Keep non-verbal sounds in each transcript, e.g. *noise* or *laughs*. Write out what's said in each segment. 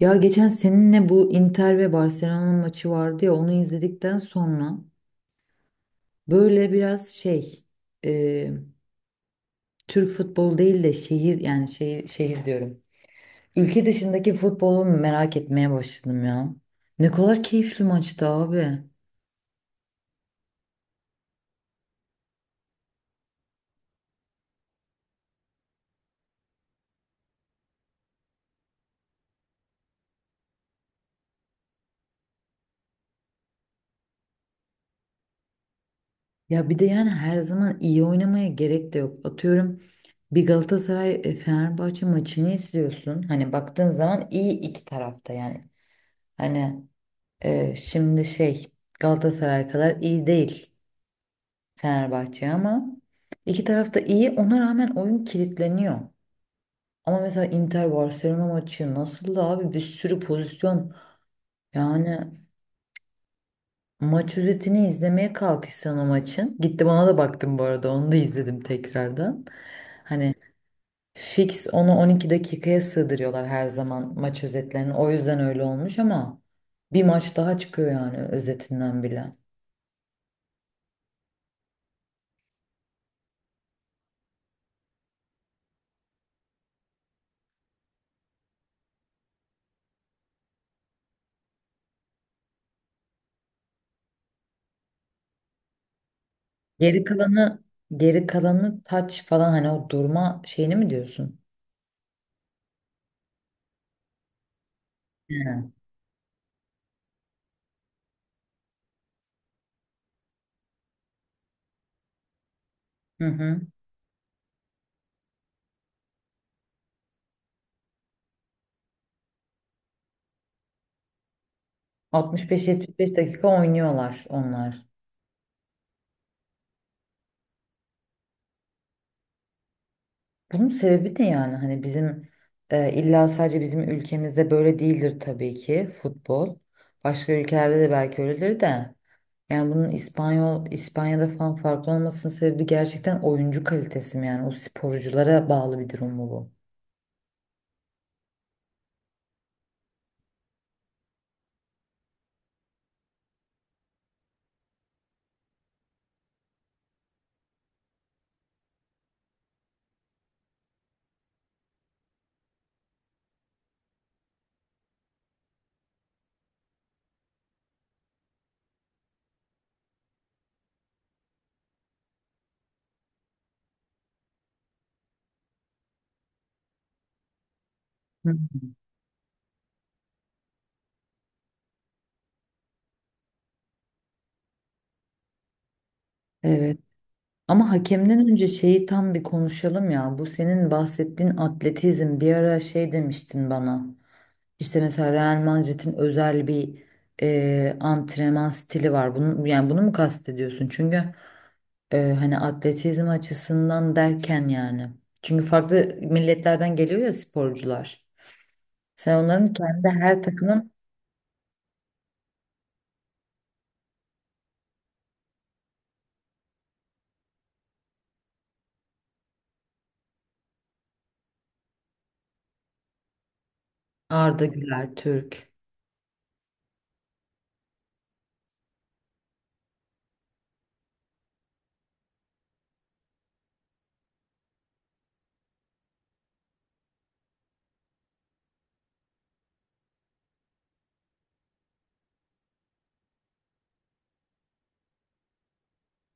Ya geçen seninle bu Inter ve Barcelona maçı vardı ya onu izledikten sonra böyle biraz şey e, Türk futbolu değil de şehir yani şehir diyorum. Ülke dışındaki futbolu merak etmeye başladım ya. Ne kadar keyifli maçtı abi. Ya bir de yani her zaman iyi oynamaya gerek de yok. Atıyorum bir Galatasaray Fenerbahçe maçını izliyorsun. Hani baktığın zaman iyi iki tarafta yani. Hani şimdi şey Galatasaray kadar iyi değil Fenerbahçe ama iki taraf da iyi ona rağmen oyun kilitleniyor. Ama mesela Inter Barcelona maçı nasıl da abi bir sürü pozisyon yani maç özetini izlemeye kalkışsan o maçın. Gittim ona da baktım bu arada onu da izledim tekrardan. Hani fix onu 12 dakikaya sığdırıyorlar her zaman maç özetlerini o yüzden öyle olmuş ama bir maç daha çıkıyor yani özetinden bile. Geri kalanı geri kalanı taç falan hani o durma şeyini mi diyorsun? He. Hı hı. 65-75 dakika oynuyorlar onlar. Bunun sebebi ne yani? Hani bizim illa sadece bizim ülkemizde böyle değildir tabii ki futbol. Başka ülkelerde de belki öyledir de. Yani bunun İspanyol İspanya'da falan farklı olmasının sebebi gerçekten oyuncu kalitesi mi yani? O sporculara bağlı bir durum mu bu? Hı hı. Evet. Ama hakemden önce şeyi tam bir konuşalım ya. Bu senin bahsettiğin atletizm bir ara şey demiştin bana. İşte mesela Real Madrid'in özel bir antrenman stili var. Bunu, yani bunu mu kastediyorsun? Çünkü hani atletizm açısından derken yani. Çünkü farklı milletlerden geliyor ya sporcular. Sen onların kendi her takımın Arda Güler, Türk.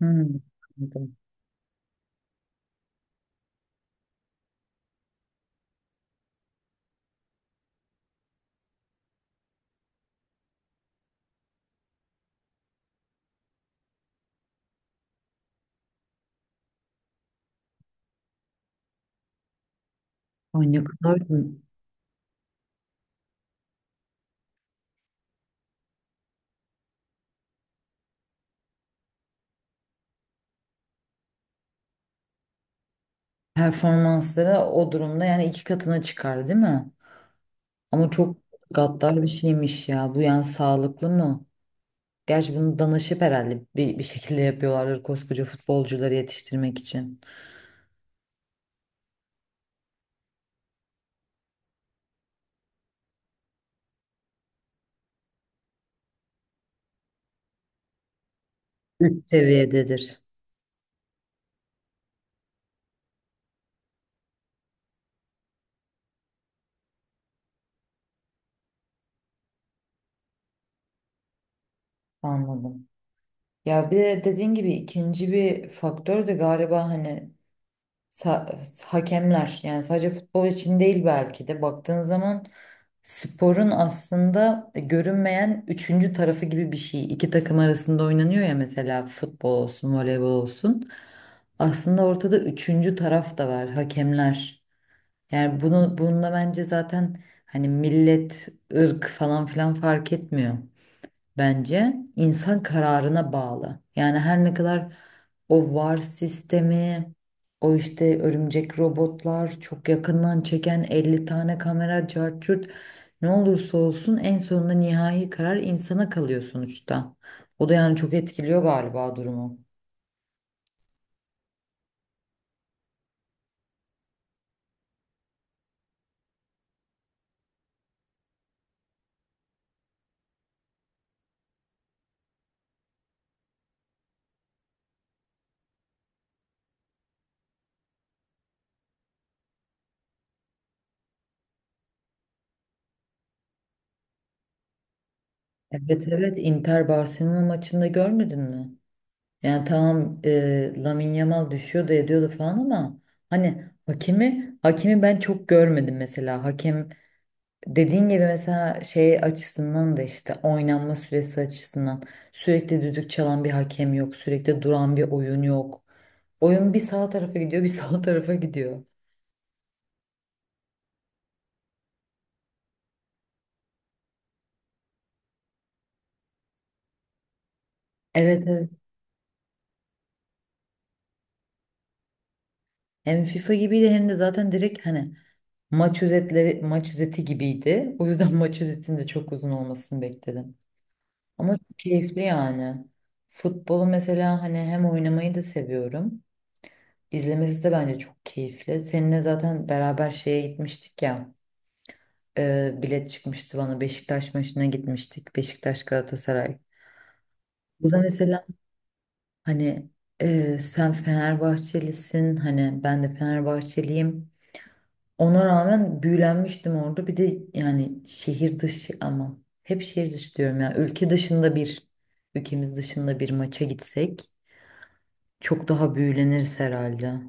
Hmm. Anladım. Ay ne kadar performansları o durumda yani iki katına çıkar değil mi? Ama çok gaddar bir şeymiş ya. Bu yani sağlıklı mı? Gerçi bunu danışıp herhalde bir şekilde yapıyorlardır koskoca futbolcuları yetiştirmek için. Üst seviyededir. Anladım. Ya bir de dediğin gibi ikinci bir faktör de galiba hani hakemler. Yani sadece futbol için değil belki de baktığın zaman sporun aslında görünmeyen üçüncü tarafı gibi bir şey. İki takım arasında oynanıyor ya mesela futbol olsun, voleybol olsun. Aslında ortada üçüncü taraf da var, hakemler. Yani bunu bununla bence zaten hani millet, ırk falan filan fark etmiyor bence insan kararına bağlı. Yani her ne kadar o VAR sistemi, o işte örümcek robotlar, çok yakından çeken 50 tane kamera, cart curt ne olursa olsun en sonunda nihai karar insana kalıyor sonuçta. O da yani çok etkiliyor galiba durumu. Evet, evet, Inter Barcelona maçında görmedin mi? Yani tamam Lamine Yamal düşüyordu ediyordu falan ama hani hakemi ben çok görmedim mesela. Hakem dediğin gibi mesela şey açısından da işte oynanma süresi açısından sürekli düdük çalan bir hakem yok, sürekli duran bir oyun yok. Oyun bir sağ tarafa gidiyor, bir *laughs* sol tarafa gidiyor. Evet, evet. Hem FIFA gibiydi hem de zaten direkt hani maç özetleri, maç özeti gibiydi. O yüzden *laughs* maç özetinin de çok uzun olmasını bekledim. Ama çok keyifli yani. Futbolu mesela hani hem oynamayı da seviyorum. İzlemesi de bence çok keyifli. Seninle zaten beraber şeye gitmiştik ya. Bilet çıkmıştı bana. Beşiktaş maçına gitmiştik. Beşiktaş Galatasaray. Burada mesela hani sen Fenerbahçelisin. Hani ben de Fenerbahçeliyim. Ona rağmen büyülenmiştim orada. Bir de yani şehir dışı ama hep şehir dışı diyorum ya. Ülke dışında ülkemiz dışında bir maça gitsek çok daha büyüleniriz herhalde.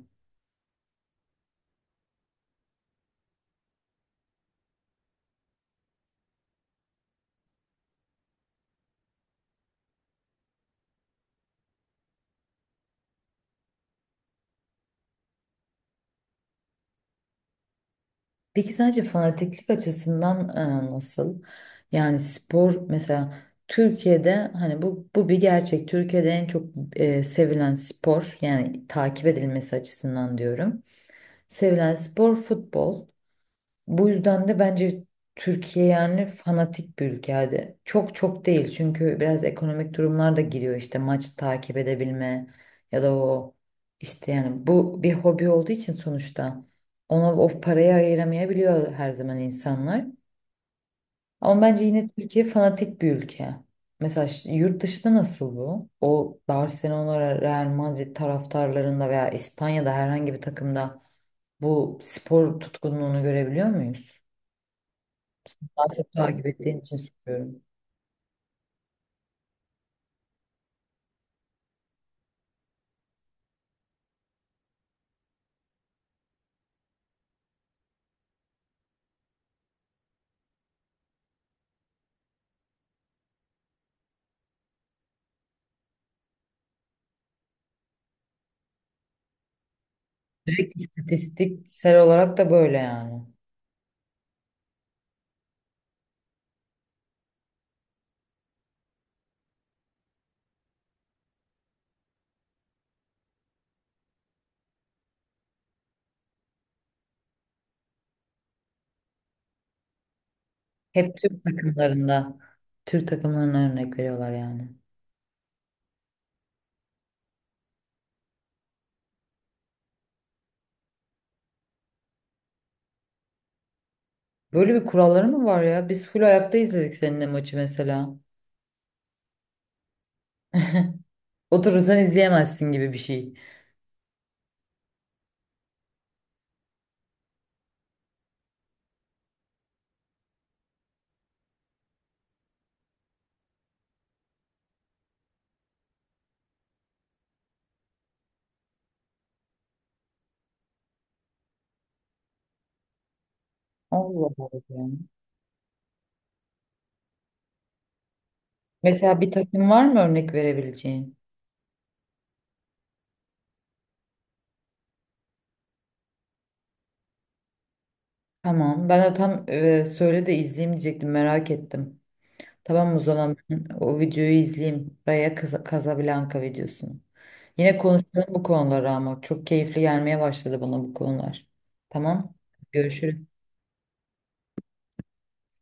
Peki sence fanatiklik açısından nasıl? Yani spor mesela Türkiye'de hani bu bir gerçek. Türkiye'de en çok sevilen spor yani takip edilmesi açısından diyorum. Sevilen spor futbol. Bu yüzden de bence Türkiye yani fanatik bir ülke hadi. Çok çok değil çünkü biraz ekonomik durumlar da giriyor işte maç takip edebilme ya da o işte yani bu bir hobi olduğu için sonuçta ona o parayı ayıramayabiliyor her zaman insanlar. Ama bence yine Türkiye fanatik bir ülke. Mesela yurt dışında nasıl bu? O Barcelona, Real Madrid taraftarlarında veya İspanya'da herhangi bir takımda bu spor tutkunluğunu görebiliyor muyuz? Daha çok takip ettiğin için soruyorum. Direkt istatistiksel olarak da böyle yani. Hep Türk takımlarında, Türk takımlarına örnek veriyorlar yani. Böyle bir kuralları mı var ya? Biz full ayakta izledik seninle maçı mesela. Oturursan izleyemezsin gibi bir şey. Allah Allah. Mesela bir takım var mı örnek verebileceğin? Tamam. Ben de tam söyle de izleyeyim diyecektim. Merak ettim. Tamam o zaman ben o videoyu izleyeyim. Raya Casablanca videosunu. Yine konuşalım bu konuları ama çok keyifli gelmeye başladı bana bu konular. Tamam. Görüşürüz.